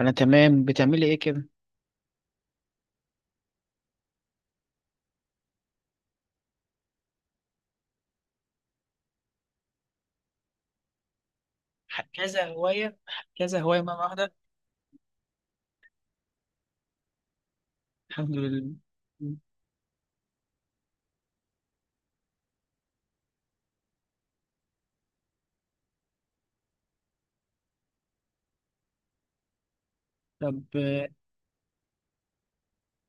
انا تمام بتعملي ايه كده. كذا هوايه مره واحده. الحمد لله. طب،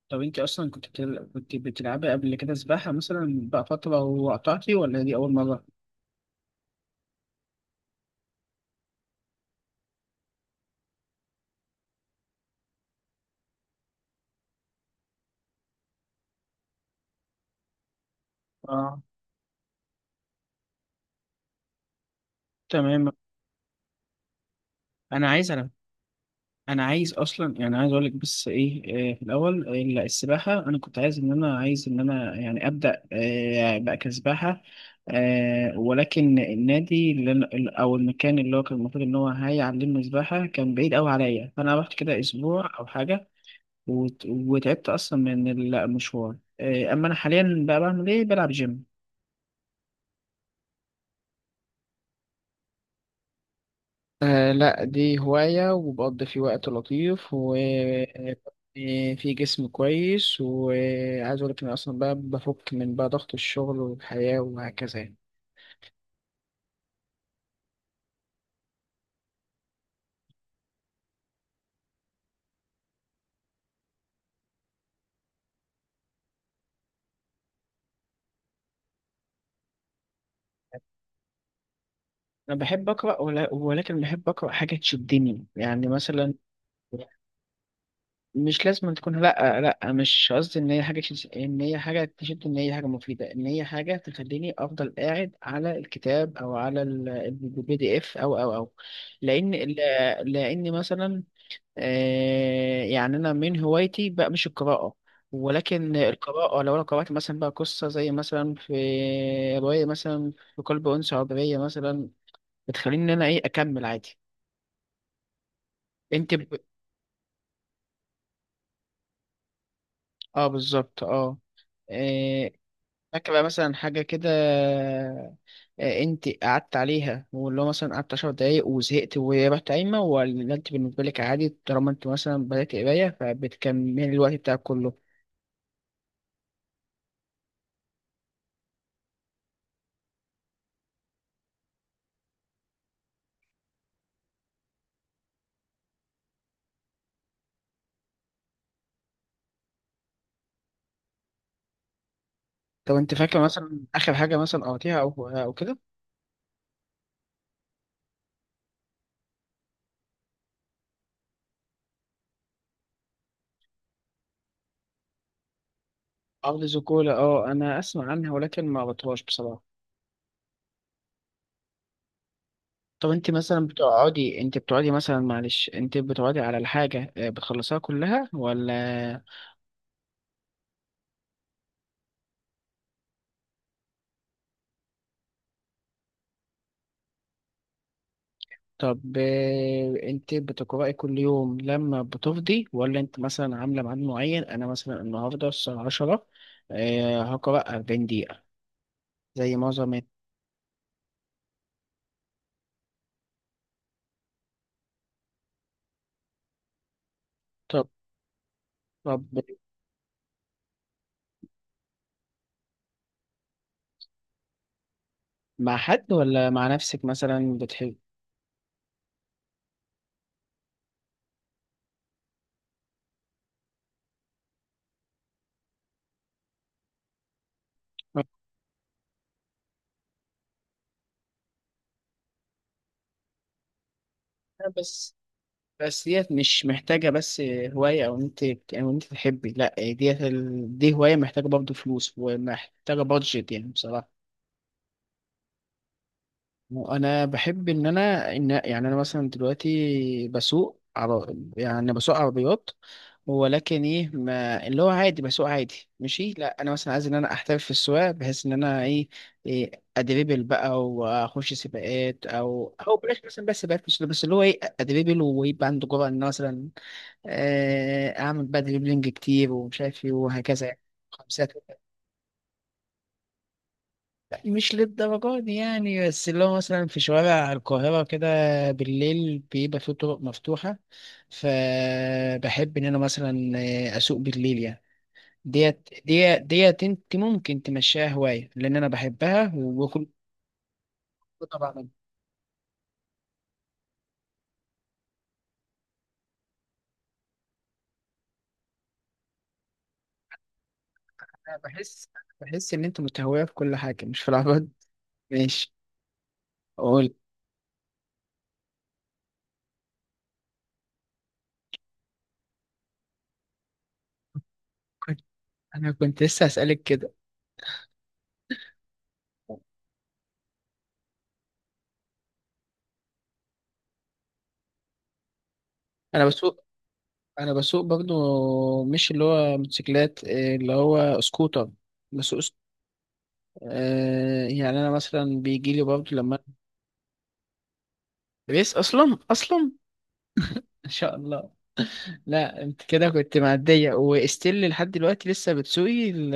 انت اصلا كنت بتلعبي قبل كده سباحه مثلا بقى فتره وقطعتي ولا دي اول مره؟ اه، تمام. انا عايز على انا عايز اصلا، يعني عايز اقول لك بس ايه آه، في الاول، آه، لا، السباحه انا كنت عايز ان انا يعني ابدا بقى كسباحه، ولكن النادي اللي أنا- او المكان اللي هو كان المفروض ان هو هيعلمني سباحه كان بعيد قوي عليا، فانا رحت كده اسبوع او حاجه وتعبت اصلا من المشوار. اما انا حاليا بقى بعمل ايه، بلعب جيم. آه لا، دي هواية وبقضي فيه وقت لطيف وفي جسم كويس، وعايز أقول لك إن أصلا بقى بفك من ضغط الشغل والحياة وهكذا يعني. أنا بحب ولكن بحب أقرأ حاجة تشدني، يعني مثلا مش لازم أن تكون، لا لا مش قصدي إن هي حاجة تشد، إن هي حاجة مفيدة، إن هي حاجة تخليني أفضل قاعد على الكتاب أو على البي دي إف أو. لأن، مثلا انا من هوايتي بقى مش القراءه، ولكن القراءه لو انا قرات مثلا بقى قصه زي مثلا في روايه مثلا في قلب انثى عبريه مثلا، بتخليني ان انا ايه اكمل عادي. انت ب... اه بالظبط اه. آه، فاكره مثلا حاجه كده انت قعدت عليها، واللي هو مثلا قعدت 10 دقايق وزهقت ورحت قايمه، ولا انت بالنسبه لك عادي طالما انت مثلا بدات قرايه فبتكمل الوقت بتاعك كله؟ طب انت فاكره مثلا اخر حاجه مثلا قريتيها او او كده؟ ارض زيكولا، اه انا اسمع عنها ولكن ما قريتهاش بصراحه. طب انت مثلا بتقعدي انت بتقعدي مثلا معلش انت بتقعدي على الحاجه، بتخلصيها كلها ولا؟ طب، انت بتقرأي كل يوم لما بتفضي، ولا انت مثلا عامله ميعاد معين؟ انا مثلا النهارده الساعه 10، هقرأ 40 دقيقه زي معظم. طب، طب مع حد ولا مع نفسك مثلا بتحب؟ بس بس ديت مش محتاجة بس هواية، أو أنت تحبي، لأ، دي هواية محتاجة برضه فلوس ومحتاجة بادجت يعني بصراحة. وأنا بحب إن أنا إن يعني أنا مثلا دلوقتي يعني بسوق عربيات، ولكن إيه ما... اللي هو عادي بسوق عادي ماشي. لأ، أنا مثلا عايز إن أنا أحترف في السواقة بحيث إن أنا إيه، إيه أدريبل بقى وأخش سباقات، أو أو بلاش مثلا بس سباقات، مش بس اللي هو إيه أدريبل ويبقى عنده جرأة إن أنا مثلا، اعمل بقى دريبلينج كتير ومش عارف ايه وهكذا يعني، خمسات وكده. لا، مش للدرجه دي يعني، بس اللي هو مثلا في شوارع القاهره كده بالليل بيبقى فيه طرق مفتوحه، فبحب ان انا مثلا اسوق بالليل يعني. ديت انت ممكن تمشيها هوايه لان انا بحبها وكل. طبعا. أنا بحس ان انت متهويه في كل حاجه مش في العربيات. ماشي. قول. كنت- انا كنت لسه هسألك كده. انا بسوق انا بسوق برضو مش اللي هو موتوسيكلات، إيه اللي هو سكوتر. بسوق سك... آه، يعني انا مثلا بيجي لي برضو لما، ريس اصلا ان شاء الله. لا انت كده كنت معديه واستيل لحد دلوقتي لسه بتسوقي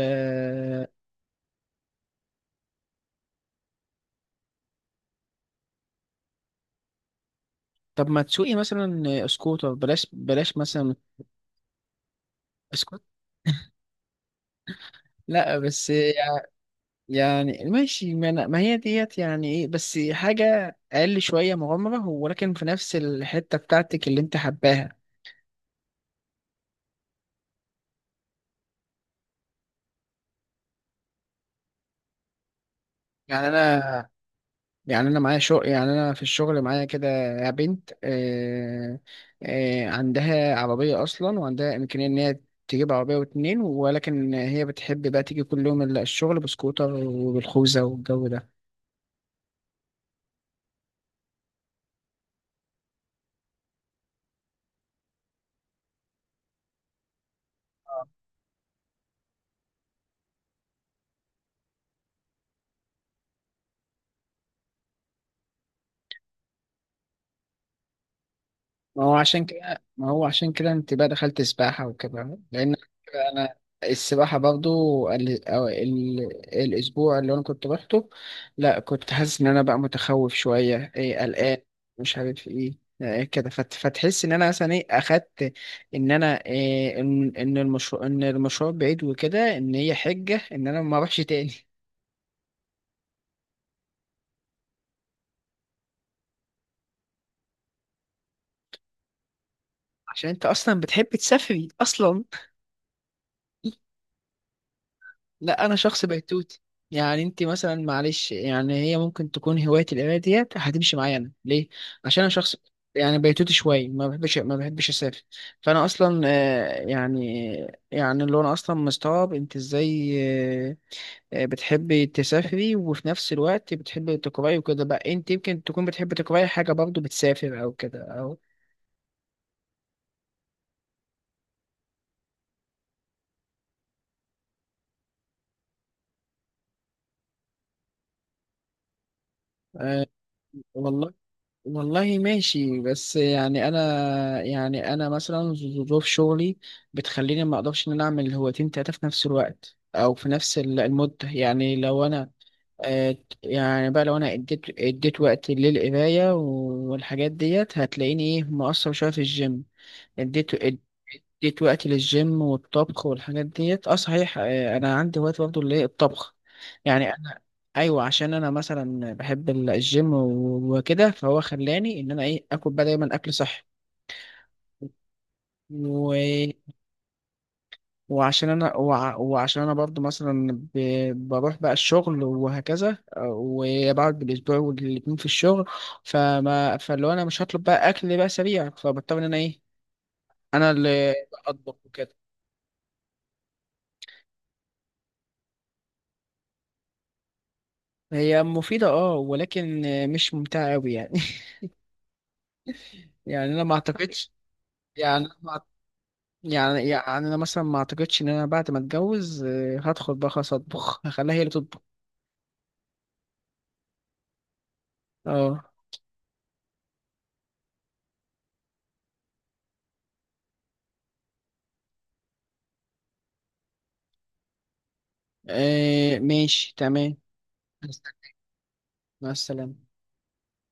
طب ما تسوقي مثلا سكوتر، بلاش بلاش مثلا سكوت لا يعني ماشي، ما هي ديت يعني ايه، بس حاجه اقل شويه مغامره، ولكن في نفس الحته بتاعتك اللي انت حباها. يعني انا يعني انا معايا شغل، يعني انا في الشغل معايا كده بنت، عندها عربيه اصلا وعندها امكانيه ان هي تجيب عربيه واتنين، ولكن هي بتحب بقى تيجي كل يوم الشغل بسكوتر وبالخوذه والجو ده. ما هو عشان كده انت بقى دخلت سباحة وكده لأن أنا السباحة برضو ال... أو ال... الأسبوع اللي أنا كنت روحته، لا كنت حاسس إن أنا بقى متخوف شوية إيه، قلقان، مش عارف إيه فتحس إن أنا مثلا إيه أخدت، إن المشروع، بعيد وكده، إن هي حجة إن أنا ما أروحش تاني. عشان أنت أصلا بتحب تسافري أصلا. لا، انا شخص بيتوتي، يعني انت مثلا معلش يعني هي ممكن تكون هوايه القرايه ديت هتمشي معايا انا ليه، عشان انا شخص يعني بيتوتي شويه، ما بحبش اسافر. فانا اصلا يعني اللي هو انا اصلا مستغرب انت ازاي، آه، بتحبي تسافري وفي نفس الوقت بتحبي تقراي وكده، بقى انت يمكن تكون بتحبي تقراي حاجه برضو بتسافر او كده او. آه، والله، ماشي، بس يعني انا، مثلا ظروف شغلي بتخليني ما اقدرش ان انا اعمل هوايتين تلاته في نفس الوقت او في نفس المده. يعني لو انا، آه، يعني بقى لو انا اديت وقت للقرايه والحاجات ديت هتلاقيني ايه مقصر شويه في الجيم. اديت اديت وقتي للجيم والطبخ والحاجات ديت. اه صحيح، انا عندي وقت برضه اللي هي الطبخ. يعني انا ايوه، عشان انا مثلا بحب الجيم وكده، فهو خلاني ان انا ايه اكل بقى دايما اكل صحي. و... وعشان انا برضه مثلا بروح بقى الشغل وهكذا، وبقعد بالاسبوع والاتنين في الشغل، فما فلو انا مش هطلب بقى اكل بقى سريع، فبضطر ان انا ايه، انا اللي اطبخ وكده. هي مفيدة اه، ولكن مش ممتعة أوي يعني. يعني أنا ما أعتقدش، يعني أنا ما أعت- يعني أنا مثلا ما أعتقدش إن أنا بعد ما أتجوز، هدخل بقى خلاص أطبخ، هخليها هي اللي تطبخ. اه، ماشي، تمام. مع السلامة.